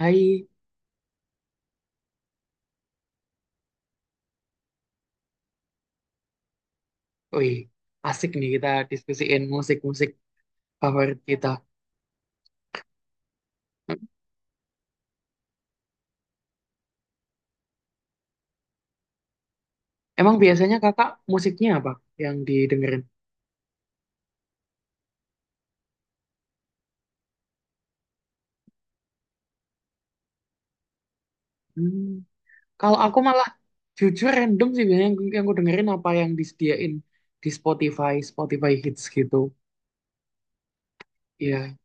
Hai, wih, asik nih kita diskusiin musik-musik favorit kita. Emang biasanya kakak musiknya apa yang didengerin? Hmm, kalau aku malah jujur random sih biasanya yang aku dengerin apa yang disediain di Spotify, Spotify Hits gitu. Iya,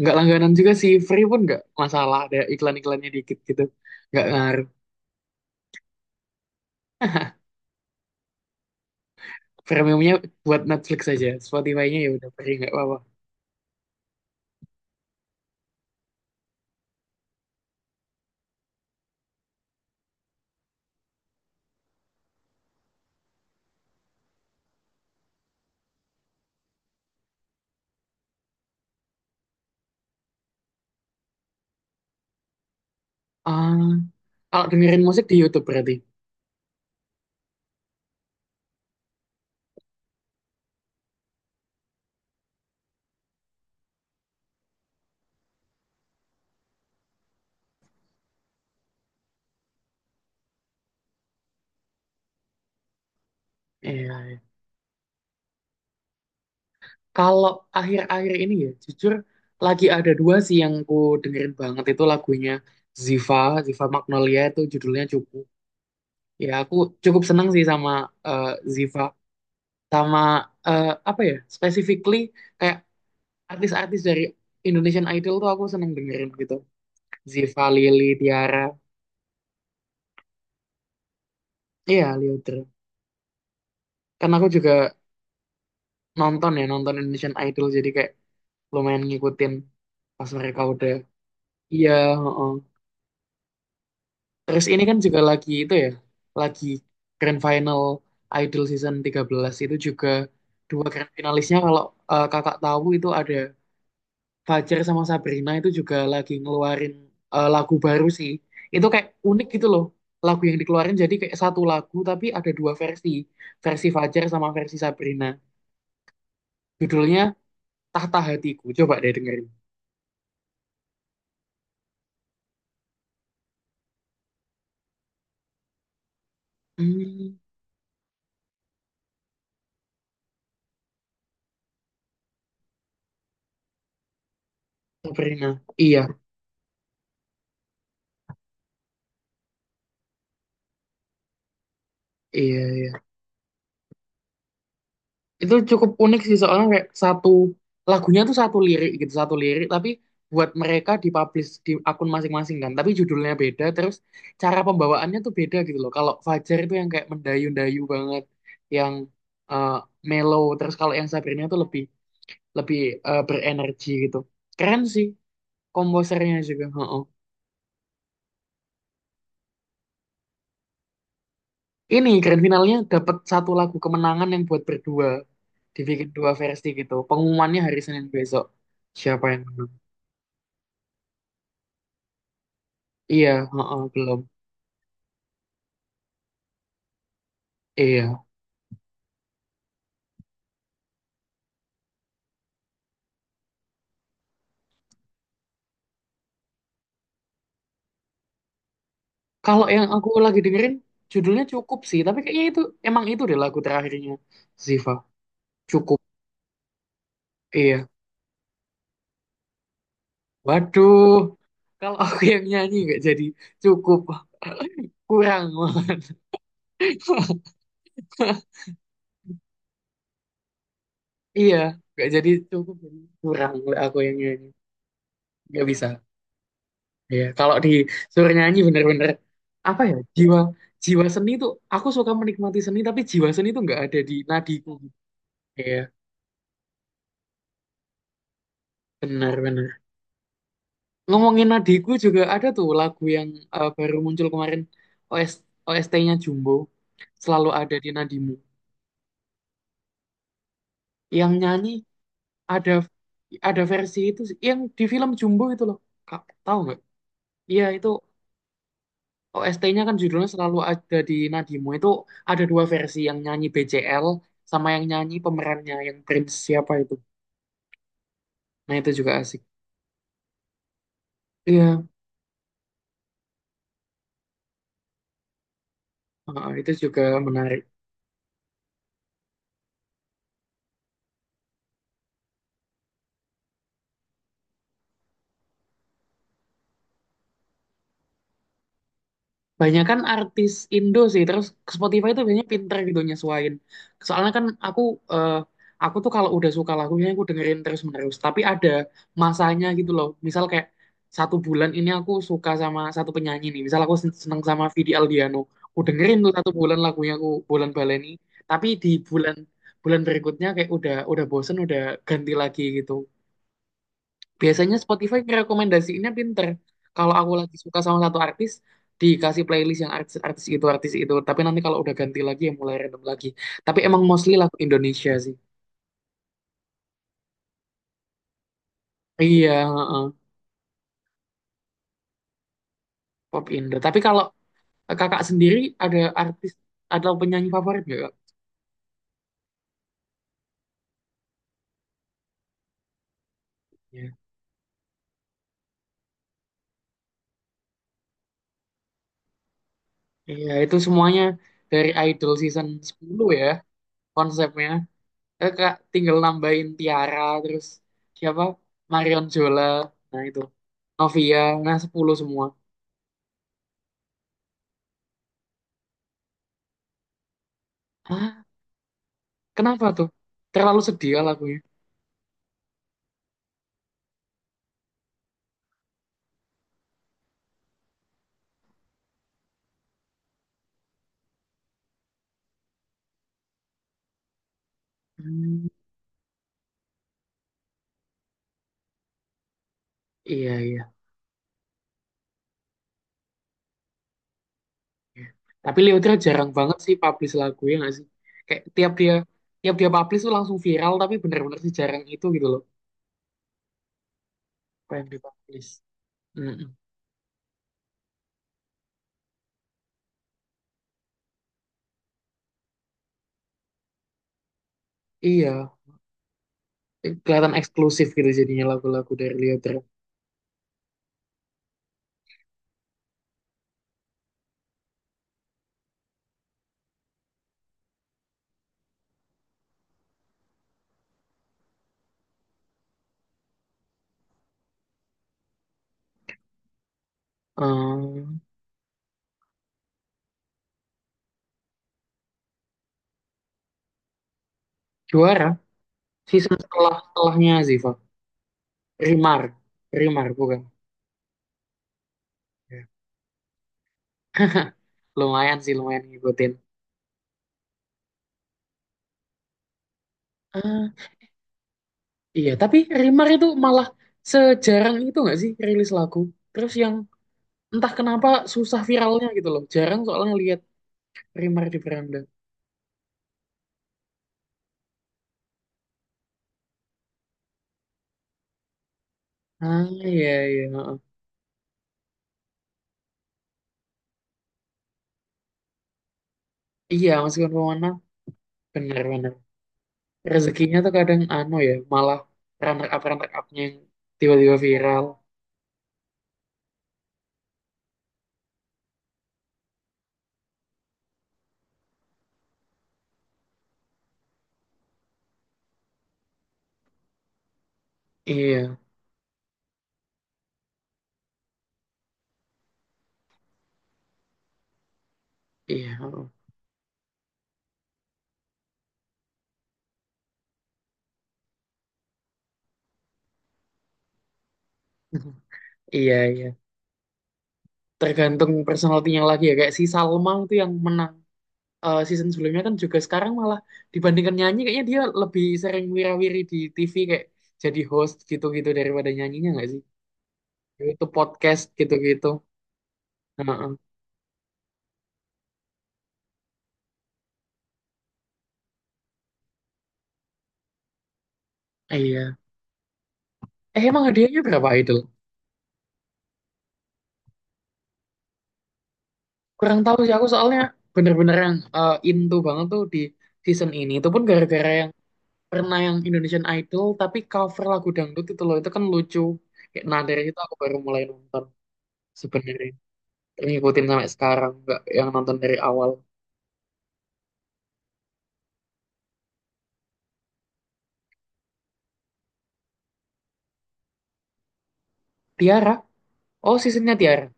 nggak langganan juga sih, free pun nggak masalah, ada iklan-iklannya dikit gitu, nggak ngaruh. Premiumnya buat Netflix aja, Spotify-nya ya udah free nggak apa-apa. Ah, kalau dengerin musik di YouTube berarti. Iya. Kalau akhir-akhir ini ya, jujur lagi ada dua sih yang ku dengerin banget itu lagunya Ziva, Ziva Magnolia itu judulnya cukup. Ya aku cukup seneng sih sama eh, Ziva, sama apa ya, specifically kayak artis-artis dari Indonesian Idol tuh aku seneng dengerin gitu. Ziva, Lili, Tiara, iya Liodra. Karena aku juga nonton ya, nonton Indonesian Idol jadi kayak lumayan ngikutin pas mereka udah. Iya, heeh. Terus ini kan juga lagi itu ya, lagi grand final Idol season 13 itu juga dua grand finalisnya kalau kakak tahu itu ada Fajar sama Sabrina itu juga lagi ngeluarin lagu baru sih. Itu kayak unik gitu loh. Lagu yang dikeluarin jadi kayak satu lagu tapi ada dua versi. Versi Fajar sama versi Sabrina. Judulnya Tahta Hatiku. Coba deh dengerin. Hmm, Sabrina. Iya, iya, iya. Itu cukup unik sih soalnya kayak satu lagunya tuh satu lirik gitu, satu lirik tapi buat mereka dipublish di akun masing-masing kan. Tapi judulnya beda terus cara pembawaannya tuh beda gitu loh. Kalau Fajar itu yang kayak mendayu-dayu banget, yang eh, mellow. Terus kalau yang Sabrina tuh lebih lebih berenergi gitu. Keren sih komposernya juga. Heeh. Ini grand finalnya dapat satu lagu kemenangan yang buat berdua dibikin dua versi gitu. Pengumumannya hari Senin besok. Siapa yang menang? Iya, heeh, belum. Iya. Kalau yang aku lagi dengerin judulnya Cukup sih, tapi kayaknya itu emang itu deh lagu terakhirnya Ziva. Cukup. Iya. Waduh. Kalau aku yang nyanyi nggak jadi cukup, kurang. Iya, nggak jadi cukup jadi kurang oleh aku yang nyanyi. Nggak bisa. Iya, kalau disuruh nyanyi bener-bener apa ya jiwa jiwa seni tuh aku suka menikmati seni tapi jiwa seni tuh nggak ada di nadiku. Iya, benar-benar. Ngomongin adikku juga ada tuh lagu yang baru muncul kemarin OS, OST-nya Jumbo selalu ada di nadimu. Yang nyanyi ada ada versi itu sih, yang di film Jumbo itu loh. Kak, tahu nggak? Iya itu OST-nya kan judulnya selalu ada di nadimu. Itu ada dua versi yang nyanyi BCL sama yang nyanyi pemerannya yang Prince siapa itu. Nah itu juga asik. Iya, itu juga menarik. Banyak kan artis Indo sih, terus ke Spotify itu biasanya pinter gitu nyesuaiin. Soalnya kan eh, aku tuh kalau udah suka lagunya aku dengerin terus-menerus, tapi ada masanya gitu loh. Misal kayak satu bulan ini aku suka sama satu penyanyi nih. Misal aku seneng sama Vidi Aldiano, aku dengerin tuh satu bulan lagunya aku bulan baleni, tapi di bulan bulan berikutnya kayak udah bosen udah ganti lagi gitu. Biasanya Spotify ngerekomendasiinnya pinter. Kalau aku lagi suka sama satu artis, dikasih playlist yang artis-artis itu, artis itu. Tapi nanti kalau udah ganti lagi, ya mulai random lagi. Tapi emang mostly lagu Indonesia sih. Iya, heeh, pop Indo. Tapi kalau kakak sendiri ada artis atau penyanyi favorit nggak, Kak? Iya, iya, itu semuanya dari Idol season 10 ya konsepnya. Eh, Kak tinggal nambahin Tiara, terus siapa? Marion Jola, nah itu. Novia, nah 10 semua. Ah, kenapa tuh? Terlalu sedia lagunya. Hmm, iya, iya. Iya. Tapi Leotra jarang banget sih publish lagu ya nggak sih? Kayak tiap dia publish tuh langsung viral tapi bener-bener sih jarang itu gitu loh. Apa yang dipublish. Mm-mm. Iya, kelihatan eksklusif gitu jadinya lagu-lagu dari Leotra. Ehm, Juara season setelahnya Ziva. Rimar, Rimar bukan. Ya. Lumayan sih lumayan ngikutin. Iya, tapi Rimar itu malah sejarang itu nggak sih rilis lagu. Terus yang entah kenapa susah viralnya gitu loh. Jarang soalnya lihat Rimar di beranda. Ah, iya, iya. Heeh. Iya, meskipun pewarna benar-benar rezekinya tuh kadang anu ya, malah runner upnya yang tiba-tiba viral. Iya, iya. Heeh. Iya, iya. Tergantung personalitinya lagi ya. Kayak si Salma itu yang menang. Season sebelumnya kan juga sekarang malah dibandingkan nyanyi kayaknya dia lebih sering wirawiri wiri di TV kayak jadi host gitu-gitu daripada nyanyinya nggak sih? YouTube podcast gitu-gitu. Heeh. Iya. Eh, emang hadiahnya berapa Idol? Kurang tahu sih aku soalnya bener-bener yang into banget tuh di season ini. Itu pun gara-gara yang pernah yang Indonesian Idol tapi cover lagu dangdut itu loh itu kan lucu. Kayak nah dari itu aku baru mulai nonton sebenarnya. Ngikutin sampai sekarang nggak yang nonton dari awal. Tiara. Oh, seasonnya Tiara.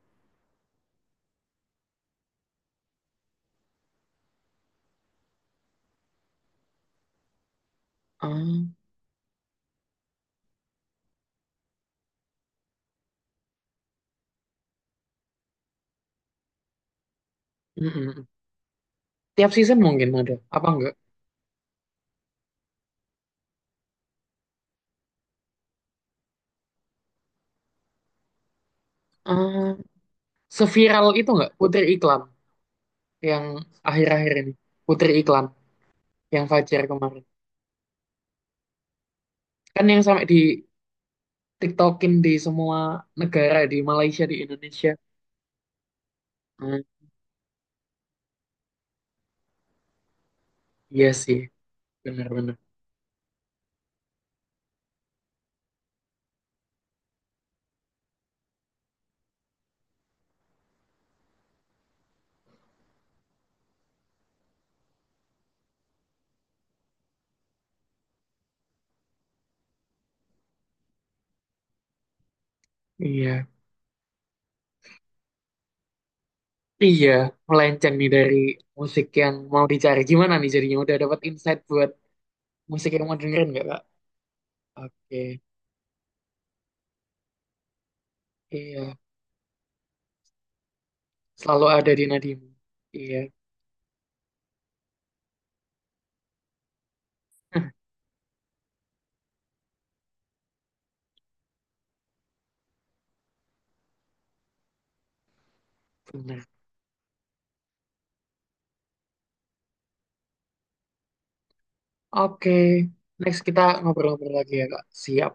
Ah, mm, mm, mm. Tiap season mungkin ada, apa enggak? Ah, seviral itu enggak Putri Iklan yang akhir-akhir ini. Putri Iklan yang Fajar kemarin. Kan yang sampai di TikTokin di semua negara di Malaysia di Indonesia. Hmm, iya sih, benar-benar. Iya. Iya, melenceng nih dari musik yang mau dicari. Gimana nih jadinya udah dapat insight buat musik yang mau dengerin nggak, Kak? Oke. Iya, selalu ada di nadimu. Iya. Benar. Oke, next kita ngobrol-ngobrol lagi ya, Kak. Siap.